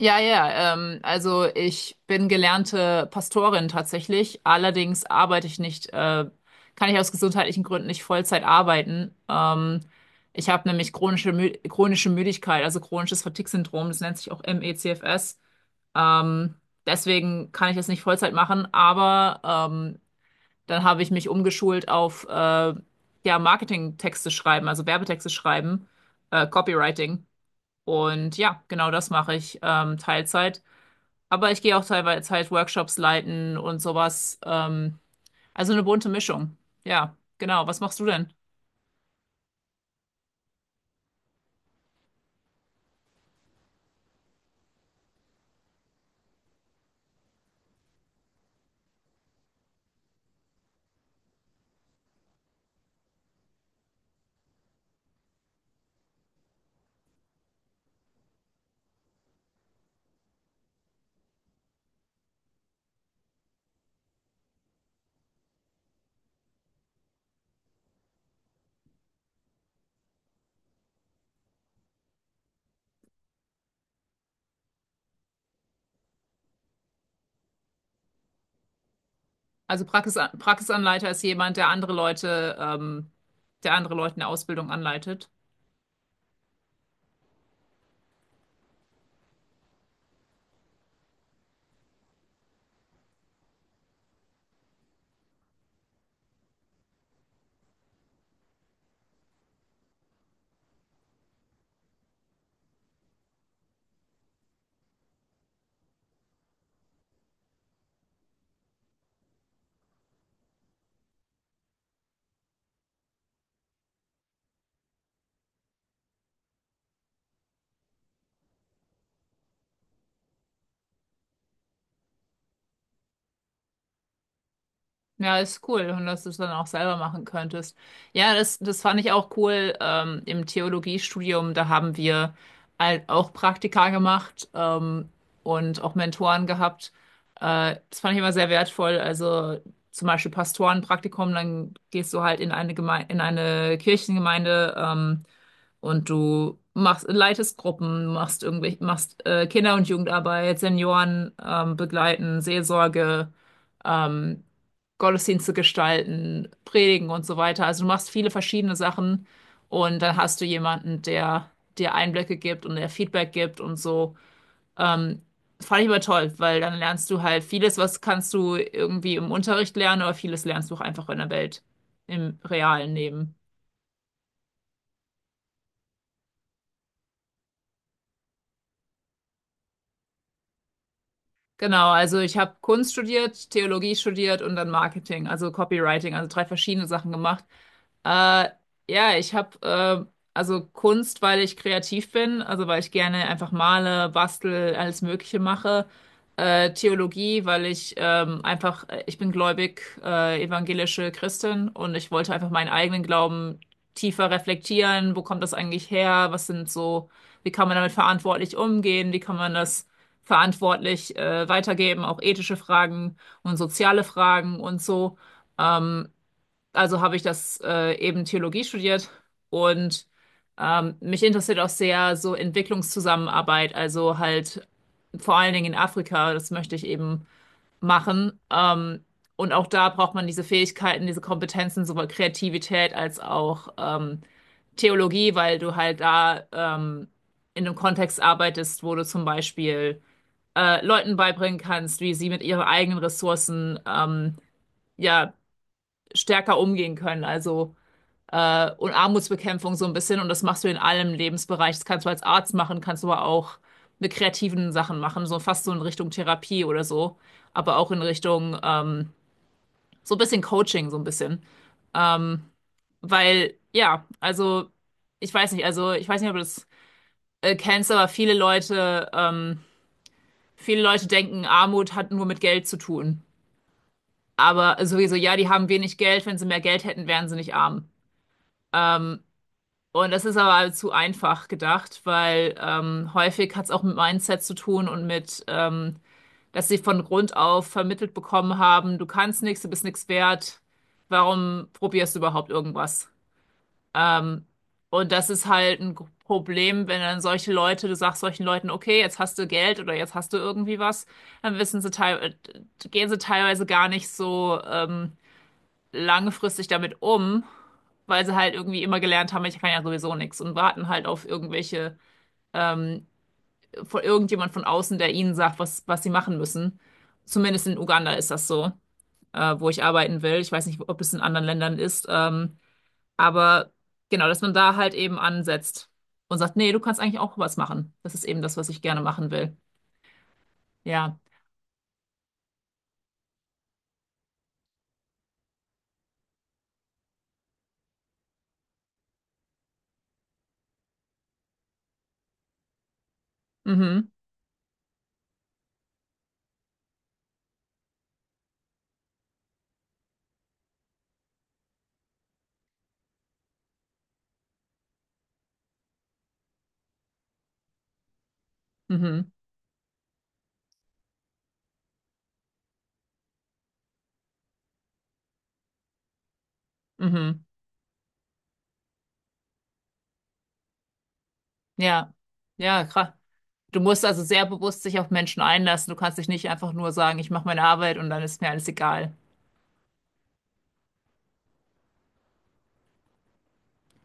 Ja, ja, also ich bin gelernte Pastorin tatsächlich. Allerdings arbeite ich nicht, kann ich aus gesundheitlichen Gründen nicht Vollzeit arbeiten. Ich habe nämlich chronische Müdigkeit, also chronisches Fatigue-Syndrom, das nennt sich auch ME/CFS. Ähm, Deswegen kann ich das nicht Vollzeit machen, aber ähm, dann habe ich mich umgeschult auf ja, Marketingtexte schreiben, also Werbetexte schreiben, Copywriting. Und ja, genau das mache ich Teilzeit. Aber ich gehe auch teilweise halt Workshops leiten und sowas. Also eine bunte Mischung. Ja, genau. Was machst du denn? Also Praxis, Praxisanleiter ist jemand, der andere Leute in der Ausbildung anleitet. Ja, ist cool. Und dass du es dann auch selber machen könntest. Ja, das fand ich auch cool. Im Theologiestudium, da haben wir halt auch Praktika gemacht, und auch Mentoren gehabt. Das fand ich immer sehr wertvoll. Also zum Beispiel Pastorenpraktikum, dann gehst du halt in eine Kirchengemeinde, und du machst, leitest Gruppen, machst irgendwelche, machst Kinder- und Jugendarbeit, Senioren begleiten, Seelsorge. Ähm, Gottesdienste gestalten, predigen und so weiter. Also du machst viele verschiedene Sachen und dann hast du jemanden, der dir Einblicke gibt und der Feedback gibt und so. Ähm, Fand ich immer toll, weil dann lernst du halt vieles, was kannst du irgendwie im Unterricht lernen, aber vieles lernst du auch einfach in der Welt, im realen Leben. Genau, also ich habe Kunst studiert, Theologie studiert und dann Marketing, also Copywriting, also drei verschiedene Sachen gemacht. Äh, ja, ich habe Also Kunst, weil ich kreativ bin, also weil ich gerne einfach male, bastel, alles Mögliche mache. Theologie, weil ich einfach, ich bin gläubig, evangelische Christin und ich wollte einfach meinen eigenen Glauben tiefer reflektieren. Wo kommt das eigentlich her? Wie kann man damit verantwortlich umgehen? Wie kann man das verantwortlich weitergeben, auch ethische Fragen und soziale Fragen und so. Ähm, also habe ich das eben Theologie studiert und mich interessiert auch sehr so Entwicklungszusammenarbeit, also halt vor allen Dingen in Afrika, das möchte ich eben machen. Und auch da braucht man diese Fähigkeiten, diese Kompetenzen, sowohl Kreativität als auch Theologie, weil du halt da in einem Kontext arbeitest, wo du zum Beispiel Leuten beibringen kannst, wie sie mit ihren eigenen Ressourcen ja stärker umgehen können. Also und Armutsbekämpfung so ein bisschen und das machst du in allem Lebensbereich. Das kannst du als Arzt machen, kannst du aber auch mit kreativen Sachen machen, so fast so in Richtung Therapie oder so, aber auch in Richtung so ein bisschen Coaching, so ein bisschen. Ähm, also ich weiß nicht, also ich weiß nicht, ob du das kennst, aber viele Leute denken, Armut hat nur mit Geld zu tun. Aber sowieso, ja, die haben wenig Geld. Wenn sie mehr Geld hätten, wären sie nicht arm. Und das ist aber zu einfach gedacht, weil häufig hat es auch mit Mindset zu tun und mit, dass sie von Grund auf vermittelt bekommen haben, du kannst nichts, du bist nichts wert, warum probierst du überhaupt irgendwas? Ähm, und das ist halt ein Problem, wenn dann solche Leute, du sagst solchen Leuten, okay, jetzt hast du Geld oder jetzt hast du irgendwie was, dann wissen sie teil gehen sie teilweise gar nicht so. Langfristig damit um, weil sie halt irgendwie immer gelernt haben, ich kann ja sowieso nichts und warten halt auf irgendwelche, ähm, von irgendjemand von außen, der ihnen sagt, was sie machen müssen. Zumindest in Uganda ist das so, wo ich arbeiten will. Ich weiß nicht, ob es in anderen Ländern ist, aber genau, dass man da halt eben ansetzt und sagt, nee, du kannst eigentlich auch was machen. Das ist eben das, was ich gerne machen will. Ja. Mhm. Mhm. Mhm. Mhm. Ja, ja, krass. Du musst also sehr bewusst dich auf Menschen einlassen. Du kannst dich nicht einfach nur sagen, ich mache meine Arbeit und dann ist mir alles egal.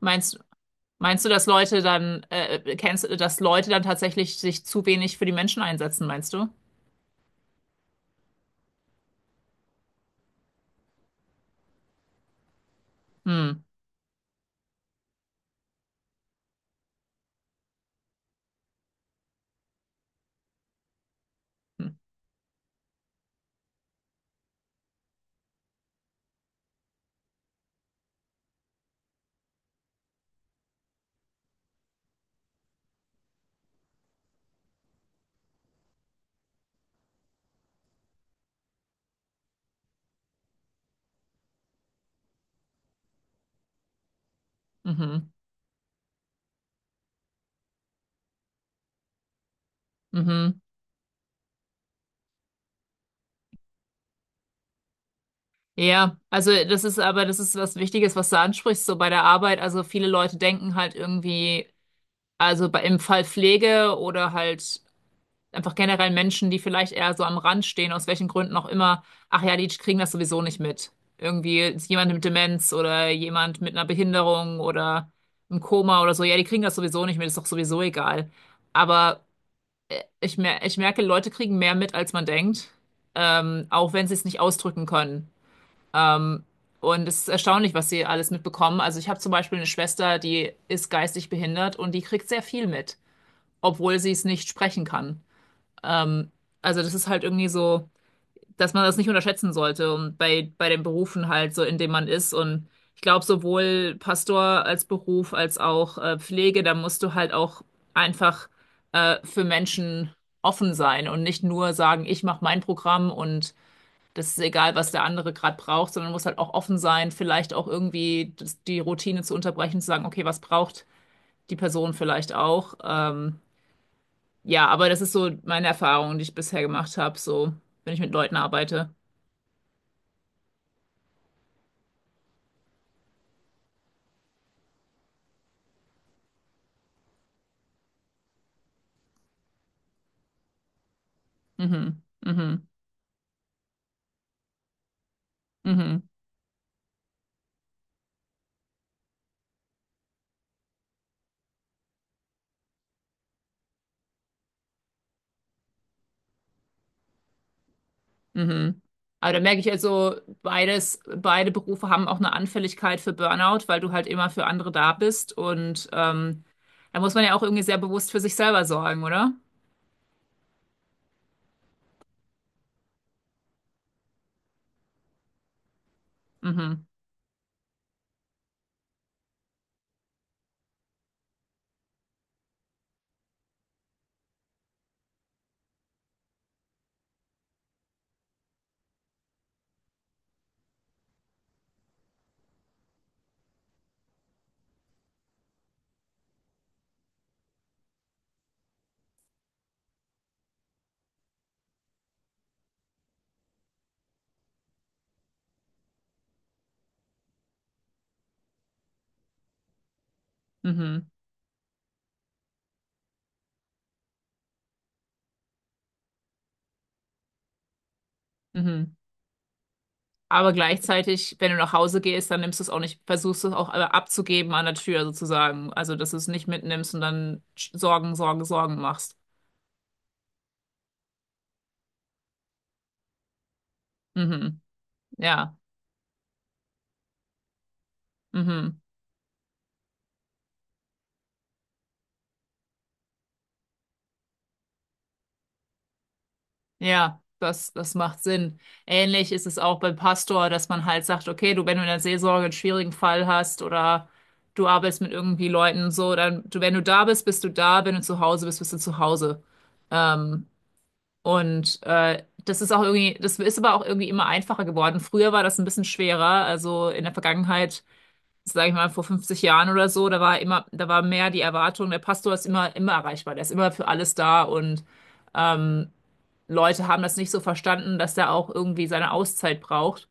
Meinst, meinst du, dass Leute dann, dass Leute dann tatsächlich sich zu wenig für die Menschen einsetzen, meinst du? Hm. Hm. Mhm. Mhm. Ja, also das ist aber, das ist was Wichtiges, was du ansprichst, so bei der Arbeit. Also viele Leute denken halt irgendwie, also im Fall Pflege oder halt einfach generell Menschen, die vielleicht eher so am Rand stehen, aus welchen Gründen auch immer, ach ja, die kriegen das sowieso nicht mit. Irgendwie ist jemand mit Demenz oder jemand mit einer Behinderung oder im Koma oder so, ja, die kriegen das sowieso nicht mit, ist doch sowieso egal. Aber ich merke, Leute kriegen mehr mit, als man denkt, auch wenn sie es nicht ausdrücken können. Ähm, und es ist erstaunlich, was sie alles mitbekommen. Also ich habe zum Beispiel eine Schwester, die ist geistig behindert und die kriegt sehr viel mit, obwohl sie es nicht sprechen kann. Ähm, also das ist halt irgendwie so, dass man das nicht unterschätzen sollte und bei den Berufen halt so, in dem man ist. Und ich glaube, sowohl Pastor als Beruf als auch Pflege, da musst du halt auch einfach für Menschen offen sein und nicht nur sagen, ich mache mein Programm und das ist egal, was der andere gerade braucht, sondern muss halt auch offen sein, vielleicht auch irgendwie die Routine zu unterbrechen, zu sagen, okay, was braucht die Person vielleicht auch? Ja, aber das ist so meine Erfahrung, die ich bisher gemacht habe, so, wenn ich mit Leuten arbeite. Mhm, mhm, mhm, mhm. Aber da merke ich also, beide Berufe haben auch eine Anfälligkeit für Burnout, weil du halt immer für andere da bist und da muss man ja auch irgendwie sehr bewusst für sich selber sorgen, oder? Mhm, mhm, mhm. Aber gleichzeitig, wenn du nach Hause gehst, dann nimmst du es auch nicht, versuchst du es auch abzugeben an der Tür sozusagen. Also, dass du es nicht mitnimmst und dann Sorgen, Sorgen, Sorgen machst. Mhm. Ja, mhm. Ja, das macht Sinn. Ähnlich ist es auch beim Pastor, dass man halt sagt, okay, du, wenn du in der Seelsorge einen schwierigen Fall hast oder du arbeitest mit irgendwie Leuten so, dann, wenn du da bist, bist du da, wenn du zu Hause bist, bist du zu Hause. Ähm, und das ist auch irgendwie, das ist aber auch irgendwie immer einfacher geworden. Früher war das ein bisschen schwerer, also in der Vergangenheit, sage ich mal, vor 50 Jahren oder so, da war mehr die Erwartung, der Pastor ist immer, immer erreichbar, der ist immer für alles da und ähm, Leute haben das nicht so verstanden, dass der auch irgendwie seine Auszeit braucht.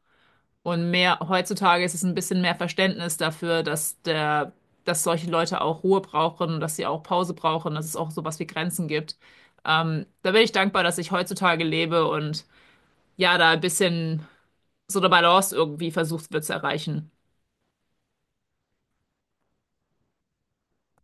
Und heutzutage ist es ein bisschen mehr Verständnis dafür, dass dass solche Leute auch Ruhe brauchen und dass sie auch Pause brauchen, dass es auch sowas wie Grenzen gibt. Da bin ich dankbar, dass ich heutzutage lebe und ja, da ein bisschen so eine Balance irgendwie versucht wird zu erreichen.